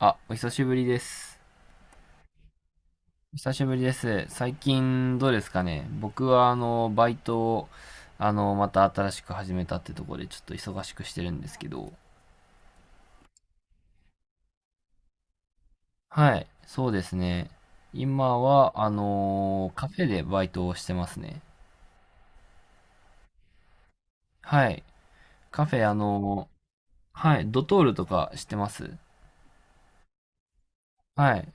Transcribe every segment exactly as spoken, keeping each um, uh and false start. あ、お久しぶりです。お久しぶりです。最近どうですかね。僕はあの、バイトを、あの、また新しく始めたってところでちょっと忙しくしてるんですけど。はい、そうですね。今は、あの、カフェでバイトをしてますね。はい。カフェ、あの、はい、ドトールとか知ってますはい。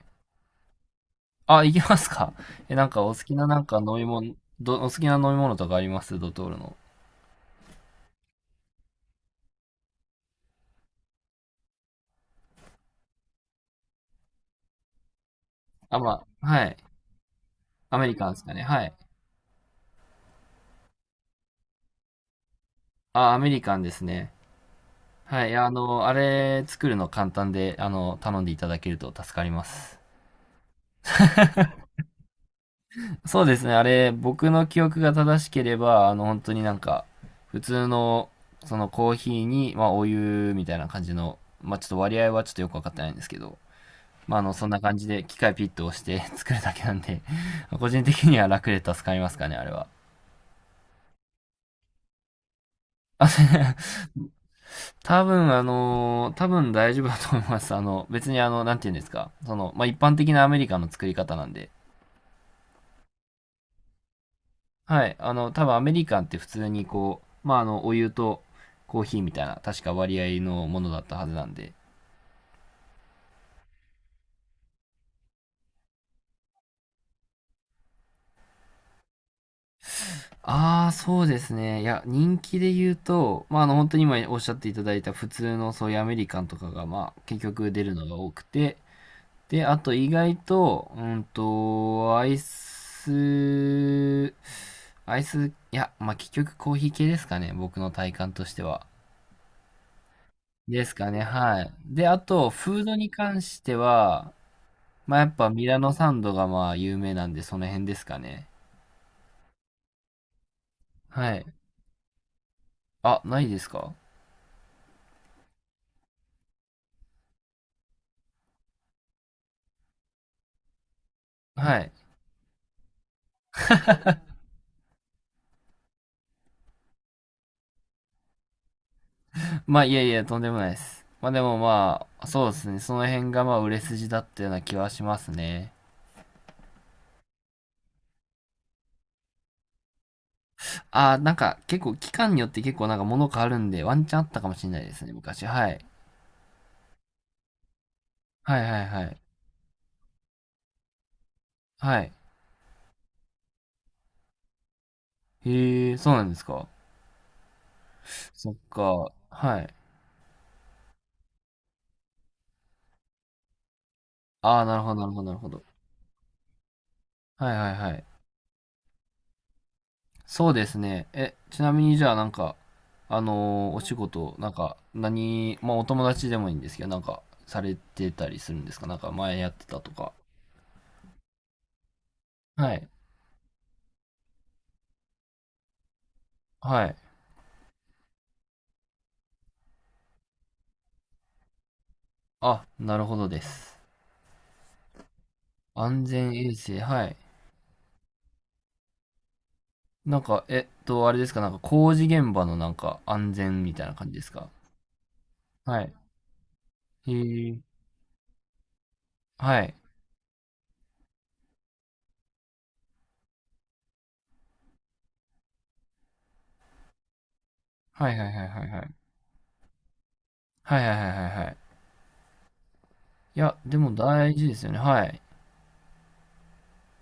あ、行けますか？え、なんかお好きななんか飲み物、ど、お好きな飲み物とかありますドトールの。あ、まあ、はい。アメリカンですかね。はい。あ、アメリカンですね。はい。あの、あれ作るの簡単で、あの、頼んでいただけると助かります。そうですね。あれ、僕の記憶が正しければ、あの、本当になんか、普通の、そのコーヒーに、まあ、お湯みたいな感じの、まあ、ちょっと割合はちょっとよくわかってないんですけど、まあ、あの、そんな感じで機械ピットをして 作るだけなんで、個人的には楽で助かりますかね、あれは。あ 多分、あの多分大丈夫だと思います。あの、別にあの、なんて言うんですか。その、まあ、一般的なアメリカンの作り方なんで。はい。あの、多分アメリカンって普通にこう、まあ、あの、お湯とコーヒーみたいな、確か割合のものだったはずなんで。ああ、そうですね。いや、人気で言うと、まあ、あの、本当に今おっしゃっていただいた普通のそういうアメリカンとかが、まあ、結局出るのが多くて、で、あと意外と、うんと、アイス、アイス、いや、まあ、結局コーヒー系ですかね、僕の体感としては。ですかね、はい。で、あと、フードに関しては、まあ、やっぱミラノサンドがまあ有名なんで、その辺ですかね。はい。あ、ないですか？はい。まあ、いやいや、とんでもないです。まあ、でもまあ、そうですね、その辺がまあ売れ筋だったような気はしますね。ああ、なんか結構期間によって結構なんか物変わるんで、ワンチャンあったかもしれないですね、昔。はい。はいはいはい。はい。へえ、そうなんですか。そっか。はい。ああ、なるほどなるほどなるほど。はいはいはい。そうですね。え、ちなみにじゃあなんか、あのーお仕事、なんか、何、まあお友達でもいいんですけど、なんか、されてたりするんですか？なんか前やってたとか。はい。はい。あ、なるほどです。安全衛生、はい。なんか、えっと、あれですか、なんか工事現場のなんか安全みたいな感じですか？はい。へえ。はい。はいはいはいはいはい。はいはいはいはいはい。いや、でも大事ですよね。はい。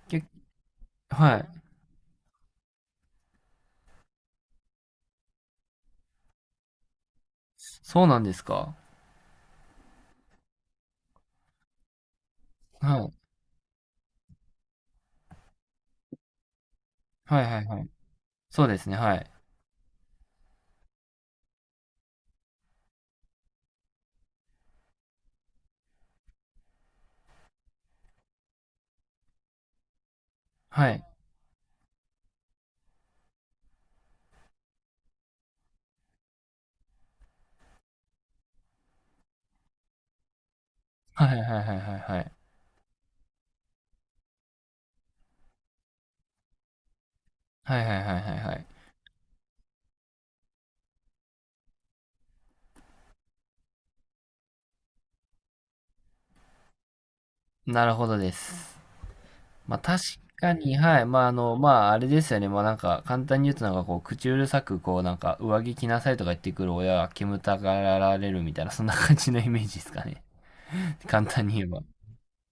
け、はい。そうなんですか。はい。はいはいはい。そうですね。はい。はい。はいはいはいはいはいはい。はいはいはいはいはい。なるほどです。まあ確かに、はい。まああの、まああれですよね。まあなんか簡単に言うとなんかこう、口うるさくこうなんか上着着なさいとか言ってくる親は煙たがられるみたいな、そんな感じのイメージですかね。簡単に言えば。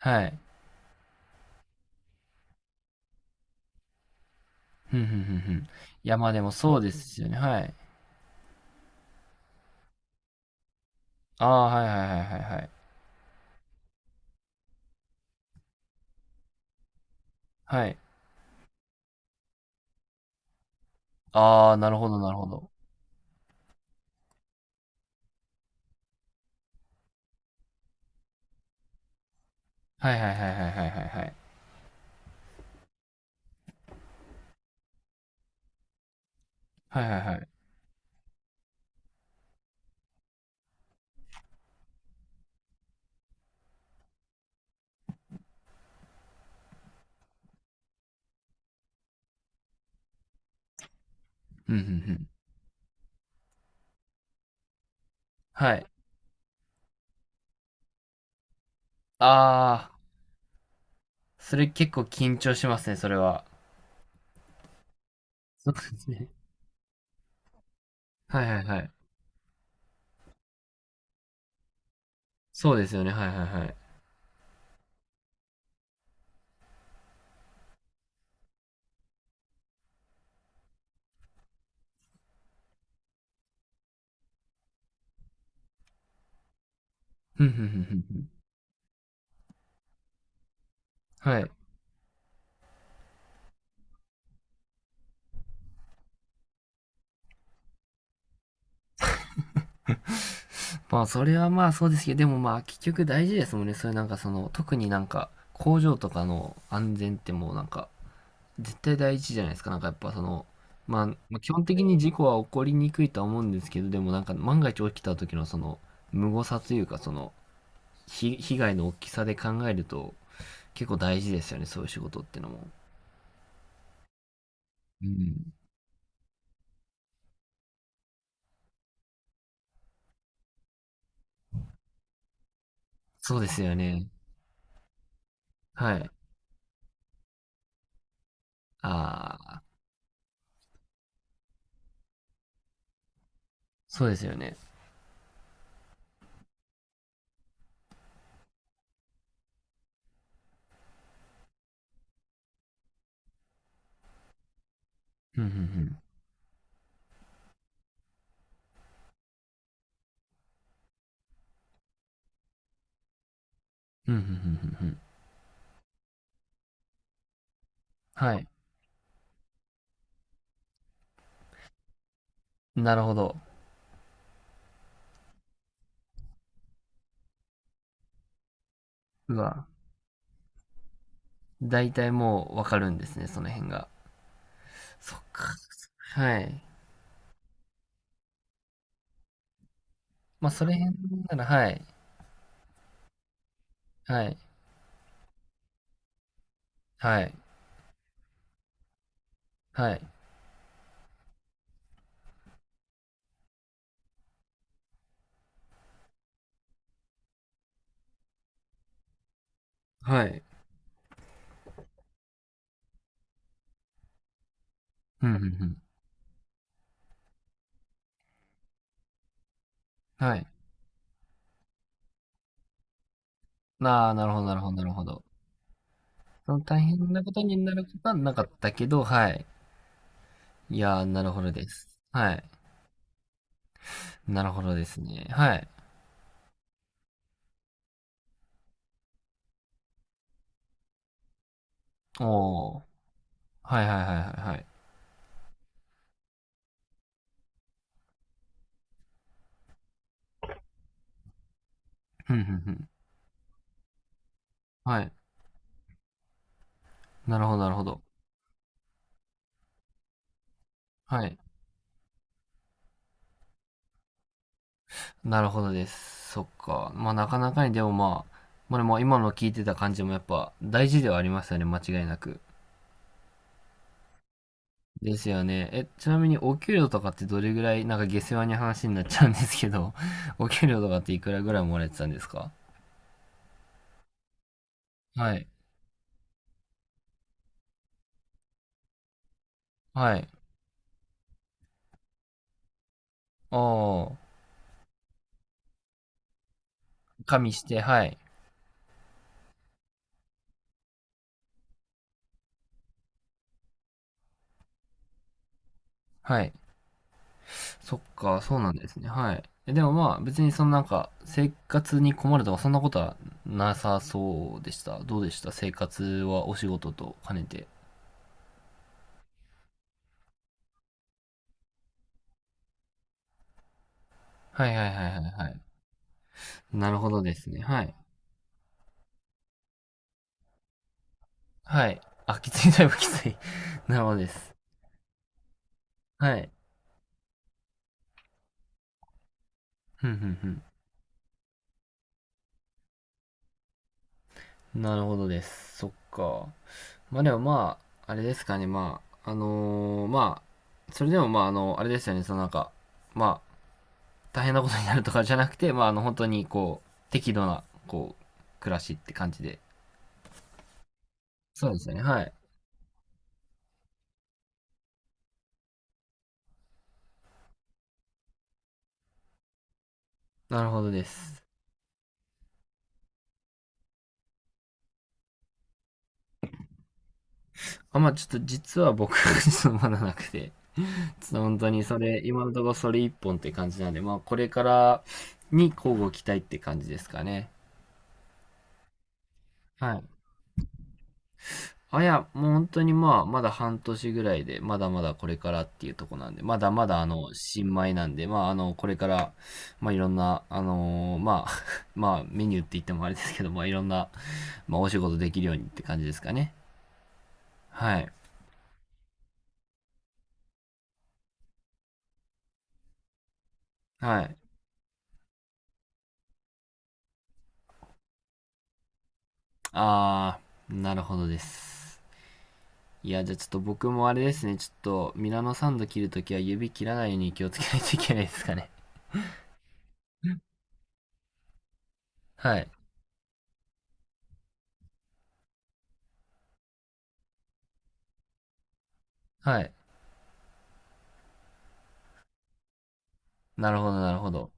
はい。ふんふんふんふん。いやまあでもそうですよね。はい。ああ、はいはいはいはいはい。はい。ああ、なるほどなるほど。はいはいはいはいはいはいはい。はいはいはい。うんうんうん。はい。ああ、それ結構緊張しますね、それは。そうですね。はいはいはい。そうですよね。はいはいはい。ふんふんふんふんふん。はい。まあ、それはまあそうですけど、でもまあ結局大事ですもんね。それなんかその、特になんか工場とかの安全ってもうなんか、絶対第一じゃないですか。なんかやっぱその、まあ、まあ基本的に事故は起こりにくいとは思うんですけど、でもなんか万が一起きた時のその、無誤差というかその、ひ被害の大きさで考えると結構大事ですよね。そういう仕事ってのも。うん。そうですよね。はい。ああ、そうですよね。うんうんうん。うんうんうんうんうん。はい。なるほど。うわ。だいたいもうわかるんですね、その辺が。そっか。はい。まあ、それ辺なら、はい。はい。はい。はい。はい。うんうんうん。はい。ああ、なるほどなるほどなるほど。その大変なことになることはなかったけど、はい。いやー、なるほどです。はい。なるほどですね。はい。おー、はいはいはいはいはい。ふんふんふん。はい。なるほどなるほど。はい。なるほどです。そっか。まあなかなかにでもまあ、まあでも今の聞いてた感じもやっぱ大事ではありますよね、間違いなく。ですよね。え、ちなみにお給料とかってどれぐらい、なんか下世話に話になっちゃうんですけど、お給料とかっていくらぐらいもらえてたんですか？はい。はい。ああ、加味して、はい。はい。そっか、そうなんですね。はい。え、でもまあ別にそのなんか生活に困るとかそんなことはなさそうでした。どうでした、生活はお仕事と兼ねて。はいはいはいはいはい。なるほどですね。はい。はい。あ、きつい、だいぶきつい。なるほどです。はい。ふんふんふん。なるほどです。そっか。まあでもまあ、あれですかね。まあ、あのーまあ、それでもまあ、あの、あれですよね。そのなんか、まあ、大変なことになるとかじゃなくて、まあ、あの、本当にこう、適度な、こう、暮らしって感じで。そうですよね。はい。なるほどです。あ、まあ、ちょっと実は僕、そのまだなくて。本当にそれ、今のところそれ一本って感じなんで、まあこれからに交互期待って感じですかね。はい。あいや、もう本当にまあ、まだはんとしぐらいで、まだまだこれからっていうとこなんで、まだまだあの、新米なんで、まああの、これから、まあいろんな、あのーまあ、まあメニューって言ってもあれですけど、まあいろんな、まあお仕事できるようにって感じですかね。はい。はい。あー、なるほどです。いや、じゃあちょっと僕もあれですね、ちょっとミラノサンド切るときは指切らないように気をつけないといけないですかね。はい。はい。なるほど、なるほど。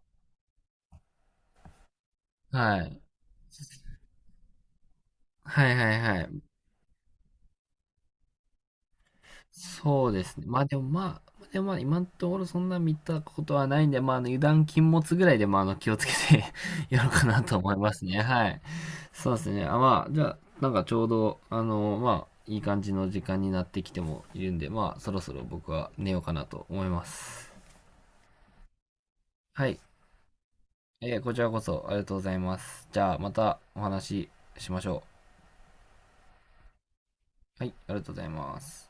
はい。はいはいはい。そうですね。まあでもまあ、でもまあ今のところそんな見たことはないんで、まああの油断禁物ぐらいでまああの気をつけて やろうかなと思いますね。はい。そうですね。あ、まあ、じゃあなんかちょうど、あの、まあ、いい感じの時間になってきてもいるんで、まあそろそろ僕は寝ようかなと思います。はい。えーこちらこそありがとうございます。じゃあ、またお話ししましょう。はい、ありがとうございます。